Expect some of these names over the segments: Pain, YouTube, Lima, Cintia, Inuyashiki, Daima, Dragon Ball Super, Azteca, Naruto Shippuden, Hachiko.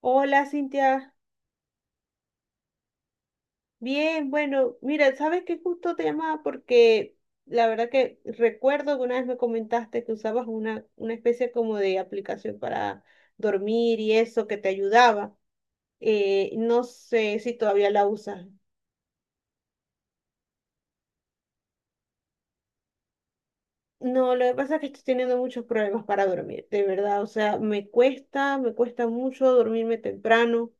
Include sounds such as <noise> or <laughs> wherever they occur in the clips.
Hola, Cintia. Bien, bueno, mira, sabes que justo te llamaba porque la verdad que recuerdo que una vez me comentaste que usabas una especie como de aplicación para dormir y eso que te ayudaba. No sé si todavía la usas. No, lo que pasa es que estoy teniendo muchos problemas para dormir, de verdad. O sea, me cuesta mucho dormirme temprano.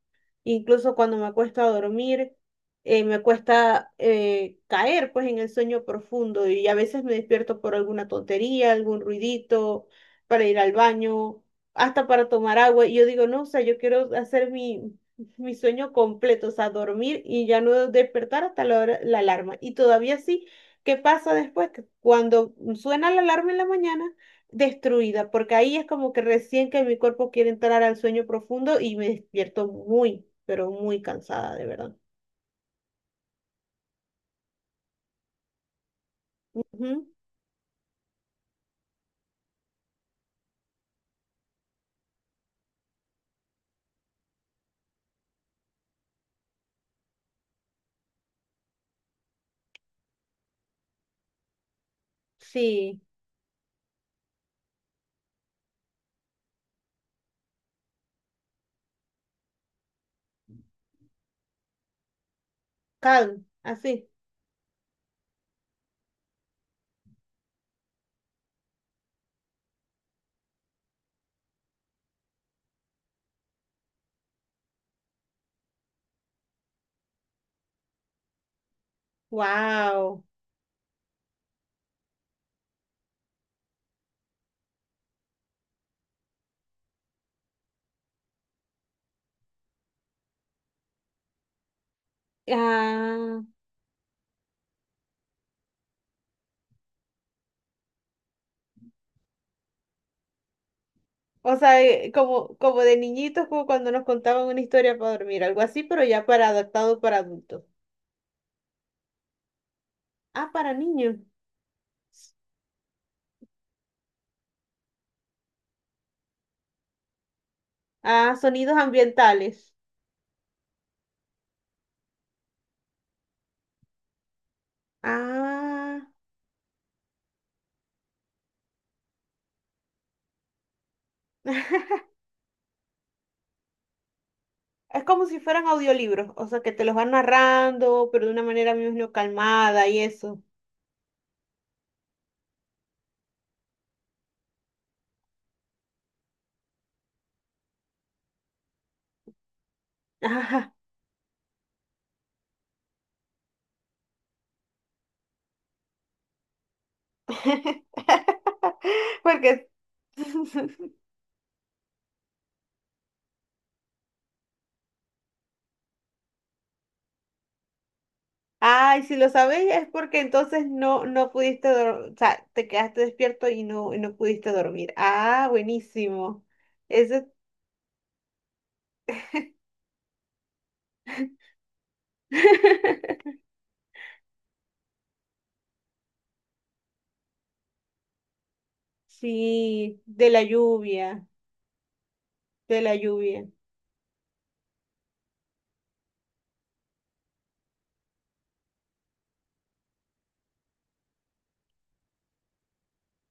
Incluso cuando me acuesto a dormir, me cuesta caer pues en el sueño profundo y a veces me despierto por alguna tontería, algún ruidito, para ir al baño, hasta para tomar agua. Y yo digo, no, o sea, yo quiero hacer mi sueño completo, o sea, dormir y ya no despertar hasta la alarma. Y todavía sí. ¿Qué pasa después? Que cuando suena la alarma en la mañana, destruida, porque ahí es como que recién que mi cuerpo quiere entrar al sueño profundo y me despierto muy, pero muy cansada, de verdad. Ujú. Sí, calm, así. Wow. Ah, o sea, como, como de niñitos, como cuando nos contaban una historia para dormir, algo así, pero ya para adaptado para adultos. Ah, para niños. Ah, sonidos ambientales. Ah. <laughs> Es como si fueran audiolibros, o sea, que te los van narrando, pero de una manera, me imagino, calmada y eso. Ajá. <laughs> Porque, <laughs> ay, si lo sabéis es porque entonces no, no pudiste dormir, o sea, te quedaste despierto y no pudiste dormir. Ah, buenísimo. Eso, <laughs> sí, de la lluvia, de la lluvia.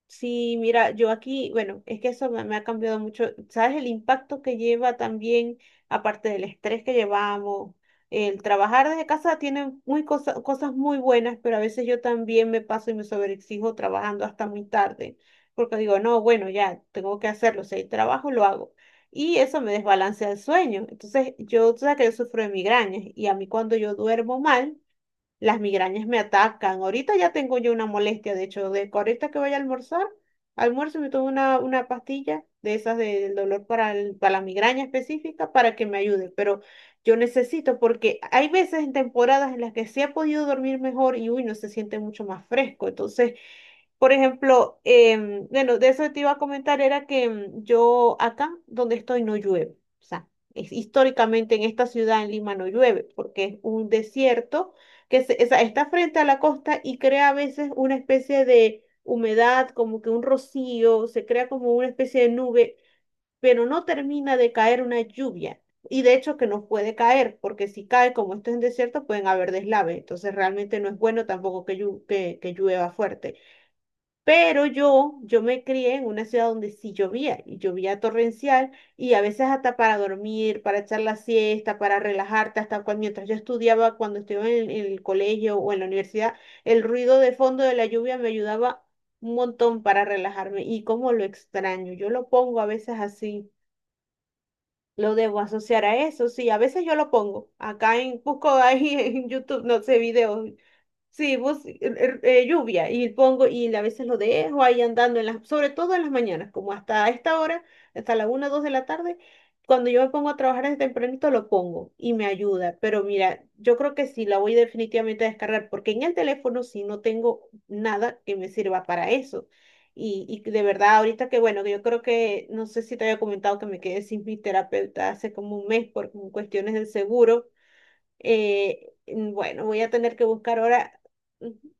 Sí, mira, yo aquí, bueno, es que eso me, me ha cambiado mucho. ¿Sabes el impacto que lleva también, aparte del estrés que llevamos? El trabajar desde casa tiene muy cosas muy buenas, pero a veces yo también me paso y me sobreexijo trabajando hasta muy tarde, porque digo, no, bueno, ya tengo que hacerlo, si hay trabajo, lo hago. Y eso me desbalancea el sueño. Entonces, yo, tú sabes que yo sufro de migrañas y a mí cuando yo duermo mal, las migrañas me atacan. Ahorita ya tengo yo una molestia, de hecho, de que ahorita que vaya a almorzar, almuerzo y me tomo una pastilla de esas del dolor para, para la migraña específica para que me ayude. Pero yo necesito, porque hay veces en temporadas en las que sí he podido dormir mejor y uy, no se siente mucho más fresco. Entonces, por ejemplo, bueno, de eso te iba a comentar, era que yo acá donde estoy no llueve. O sea, históricamente en esta ciudad, en Lima, no llueve, porque es un desierto o sea, está frente a la costa y crea a veces una especie de humedad, como que un rocío, se crea como una especie de nube, pero no termina de caer una lluvia. Y de hecho que no puede caer, porque si cae, como esto es en desierto, pueden haber deslaves. Entonces realmente no es bueno tampoco que que llueva fuerte. Pero yo me crié en una ciudad donde sí llovía, y llovía torrencial, y a veces hasta para dormir, para echar la siesta, para relajarte, hasta cuando, mientras yo estudiaba, cuando estudiaba en el colegio o en la universidad, el ruido de fondo de la lluvia me ayudaba un montón para relajarme, y cómo lo extraño, yo lo pongo a veces así, lo debo asociar a eso, sí, a veces yo lo pongo, acá en, busco ahí <laughs> en YouTube, no sé, videos. Sí, lluvia y pongo y a veces lo dejo ahí andando en las, sobre todo en las mañanas, como hasta esta hora, hasta la una 2 de la tarde, cuando yo me pongo a trabajar desde tempranito lo pongo y me ayuda, pero mira, yo creo que sí la voy definitivamente a descargar porque en el teléfono sí no tengo nada que me sirva para eso. Y de verdad, ahorita que bueno, que yo creo que, no sé si te había comentado que me quedé sin mi terapeuta hace como un mes por cuestiones del seguro bueno, voy a tener que buscar ahora. Ujú,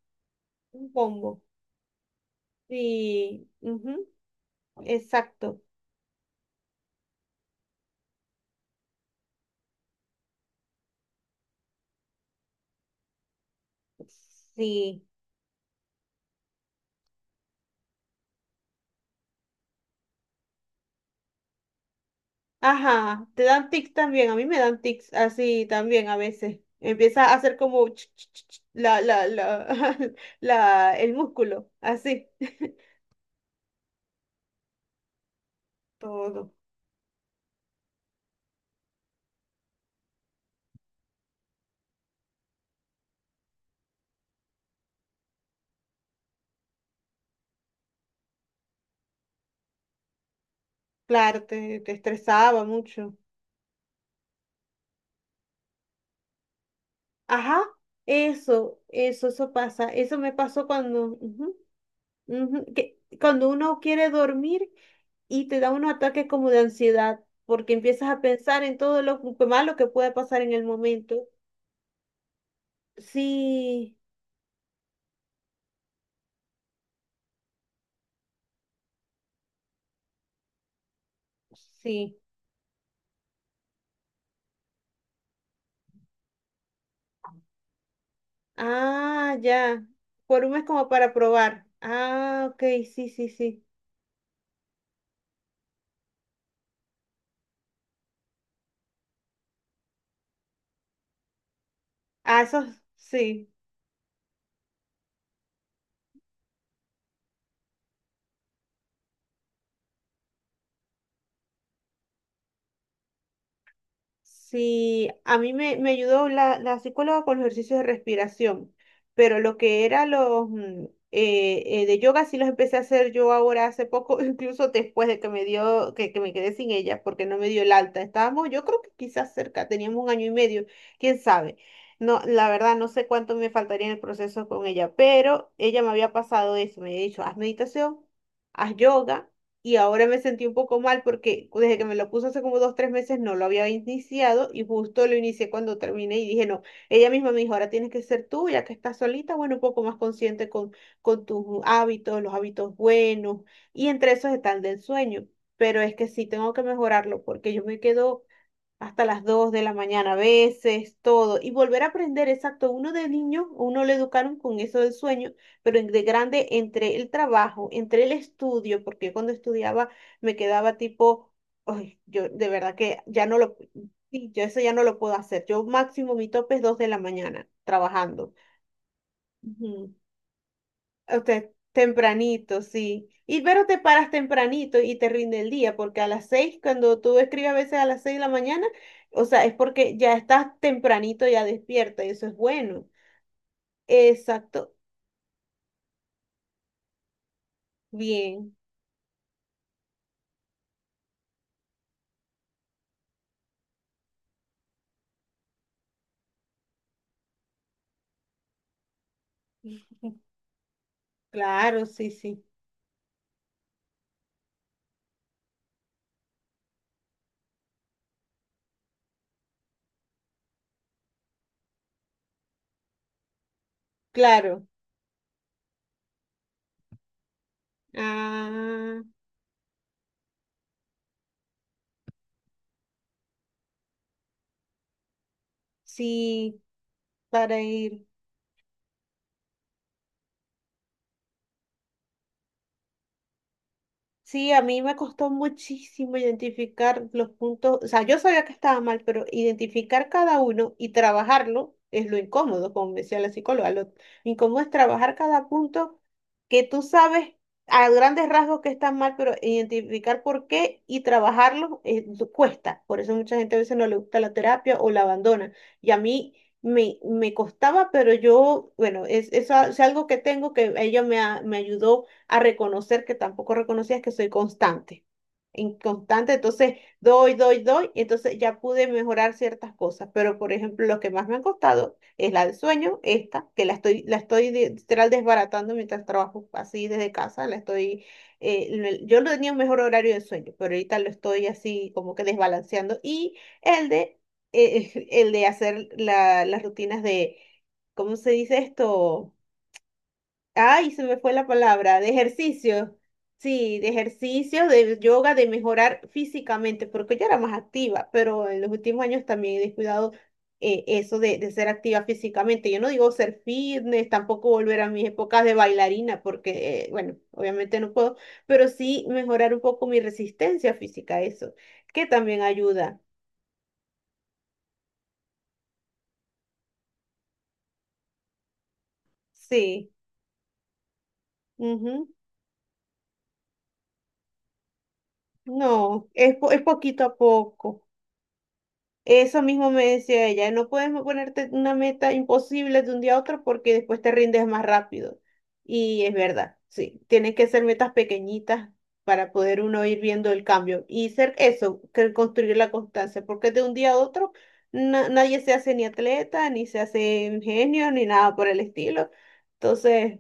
un combo. Sí, ujú, exacto. Sí. Ajá, te dan tics también. A mí me dan tics así también a veces. Empieza a hacer como la, la, la, <laughs> la, el músculo, así. <laughs> Todo. Claro, te estresaba mucho. Ajá, eso pasa. Eso me pasó cuando. Ujú, que cuando uno quiere dormir y te da unos ataques como de ansiedad, porque empiezas a pensar en todo lo malo que puede pasar en el momento. Sí, sí. Ah, ya. Por un mes como para probar. Ah, ok, sí, sí, sí. Ah, eso sí. Sí, a mí me ayudó la psicóloga con los ejercicios de respiración, pero lo que era los de yoga sí los empecé a hacer yo ahora hace poco, <laughs> incluso después de que me dio, que me quedé sin ella porque no me dio el alta. Estábamos, yo creo que quizás cerca, teníamos 1 año y medio, quién sabe. No, la verdad no sé cuánto me faltaría en el proceso con ella, pero ella me había pasado eso, me había dicho, haz meditación, haz yoga y ahora me sentí un poco mal porque desde que me lo puso hace como 2, 3 meses no lo había iniciado y justo lo inicié cuando terminé y dije, no, ella misma me dijo, ahora tienes que ser tú, ya que estás solita, bueno, un poco más consciente con tus hábitos, los hábitos buenos y entre esos está el del sueño, pero es que sí tengo que mejorarlo porque yo me quedo hasta las 2 de la mañana a veces, todo, y volver a aprender, exacto, uno de niño, uno le educaron con eso del sueño, pero de grande entre el trabajo, entre el estudio, porque cuando estudiaba me quedaba tipo, ay, yo de verdad que ya no lo, sí, yo eso ya no lo puedo hacer, yo máximo mi tope es 2 de la mañana trabajando. Ujú. Usted, tempranito, sí. Y pero te paras tempranito y te rinde el día, porque a las 6, cuando tú escribes a veces a las 6 de la mañana, o sea, es porque ya estás tempranito, ya despierta, y eso es bueno. Exacto. Bien, claro, sí, sí, claro. Ah, sí, para ir. Sí, a mí me costó muchísimo identificar los puntos, o sea, yo sabía que estaba mal, pero identificar cada uno y trabajarlo es lo incómodo, como me decía la psicóloga, lo incómodo es trabajar cada punto que tú sabes a grandes rasgos que están mal, pero identificar por qué y trabajarlo cuesta. Por eso mucha gente a veces no le gusta la terapia o la abandona. Y a mí me costaba, pero yo, bueno, es, es algo que tengo que ella me ayudó a reconocer que tampoco reconocías que soy constante. Inconstante, entonces doy, doy, doy, y entonces ya pude mejorar ciertas cosas, pero por ejemplo, lo que más me han costado es la del sueño, esta, que la estoy, literal desbaratando mientras trabajo así desde casa, la estoy, eh, yo no tenía un mejor horario de sueño, pero ahorita lo estoy así como que desbalanceando, y el de, <laughs> el de hacer las rutinas de, ¿cómo se dice esto? Ay, se me fue la palabra, de ejercicio. Sí, de ejercicio, de yoga, de mejorar físicamente, porque yo era más activa, pero en los últimos años también he descuidado eso de ser activa físicamente. Yo no digo ser fitness, tampoco volver a mis épocas de bailarina, porque, bueno, obviamente no puedo, pero sí mejorar un poco mi resistencia física, eso, que también ayuda. Sí, ujú. No, es, es poquito a poco. Eso mismo me decía ella, no puedes ponerte una meta imposible de un día a otro porque después te rindes más rápido. Y es verdad, sí, tienen que ser metas pequeñitas para poder uno ir viendo el cambio y ser eso, que construir la constancia, porque de un día a otro nadie se hace ni atleta, ni se hace ingenio, ni nada por el estilo. Entonces,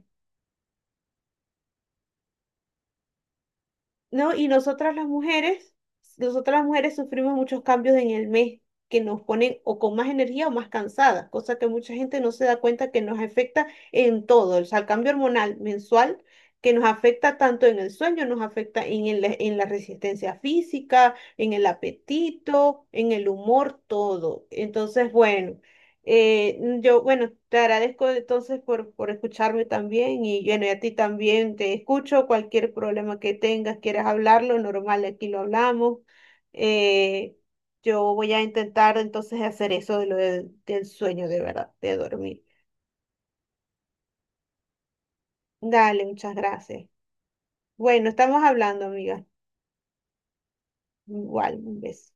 ¿no? Y nosotras las mujeres sufrimos muchos cambios en el mes que nos ponen o con más energía o más cansadas, cosa que mucha gente no se da cuenta que nos afecta en todo, o sea, el cambio hormonal mensual que nos afecta tanto en el sueño, nos afecta en, en la resistencia física, en el apetito, en el humor, todo. Entonces, bueno. Yo, bueno, te agradezco entonces por escucharme también y bueno, y a ti también te escucho. Cualquier problema que tengas, quieras hablarlo, normal, aquí lo hablamos. Eh, yo voy a intentar entonces hacer eso de lo del sueño de verdad, de dormir. Dale, muchas gracias. Bueno, estamos hablando, amiga. Igual, un beso.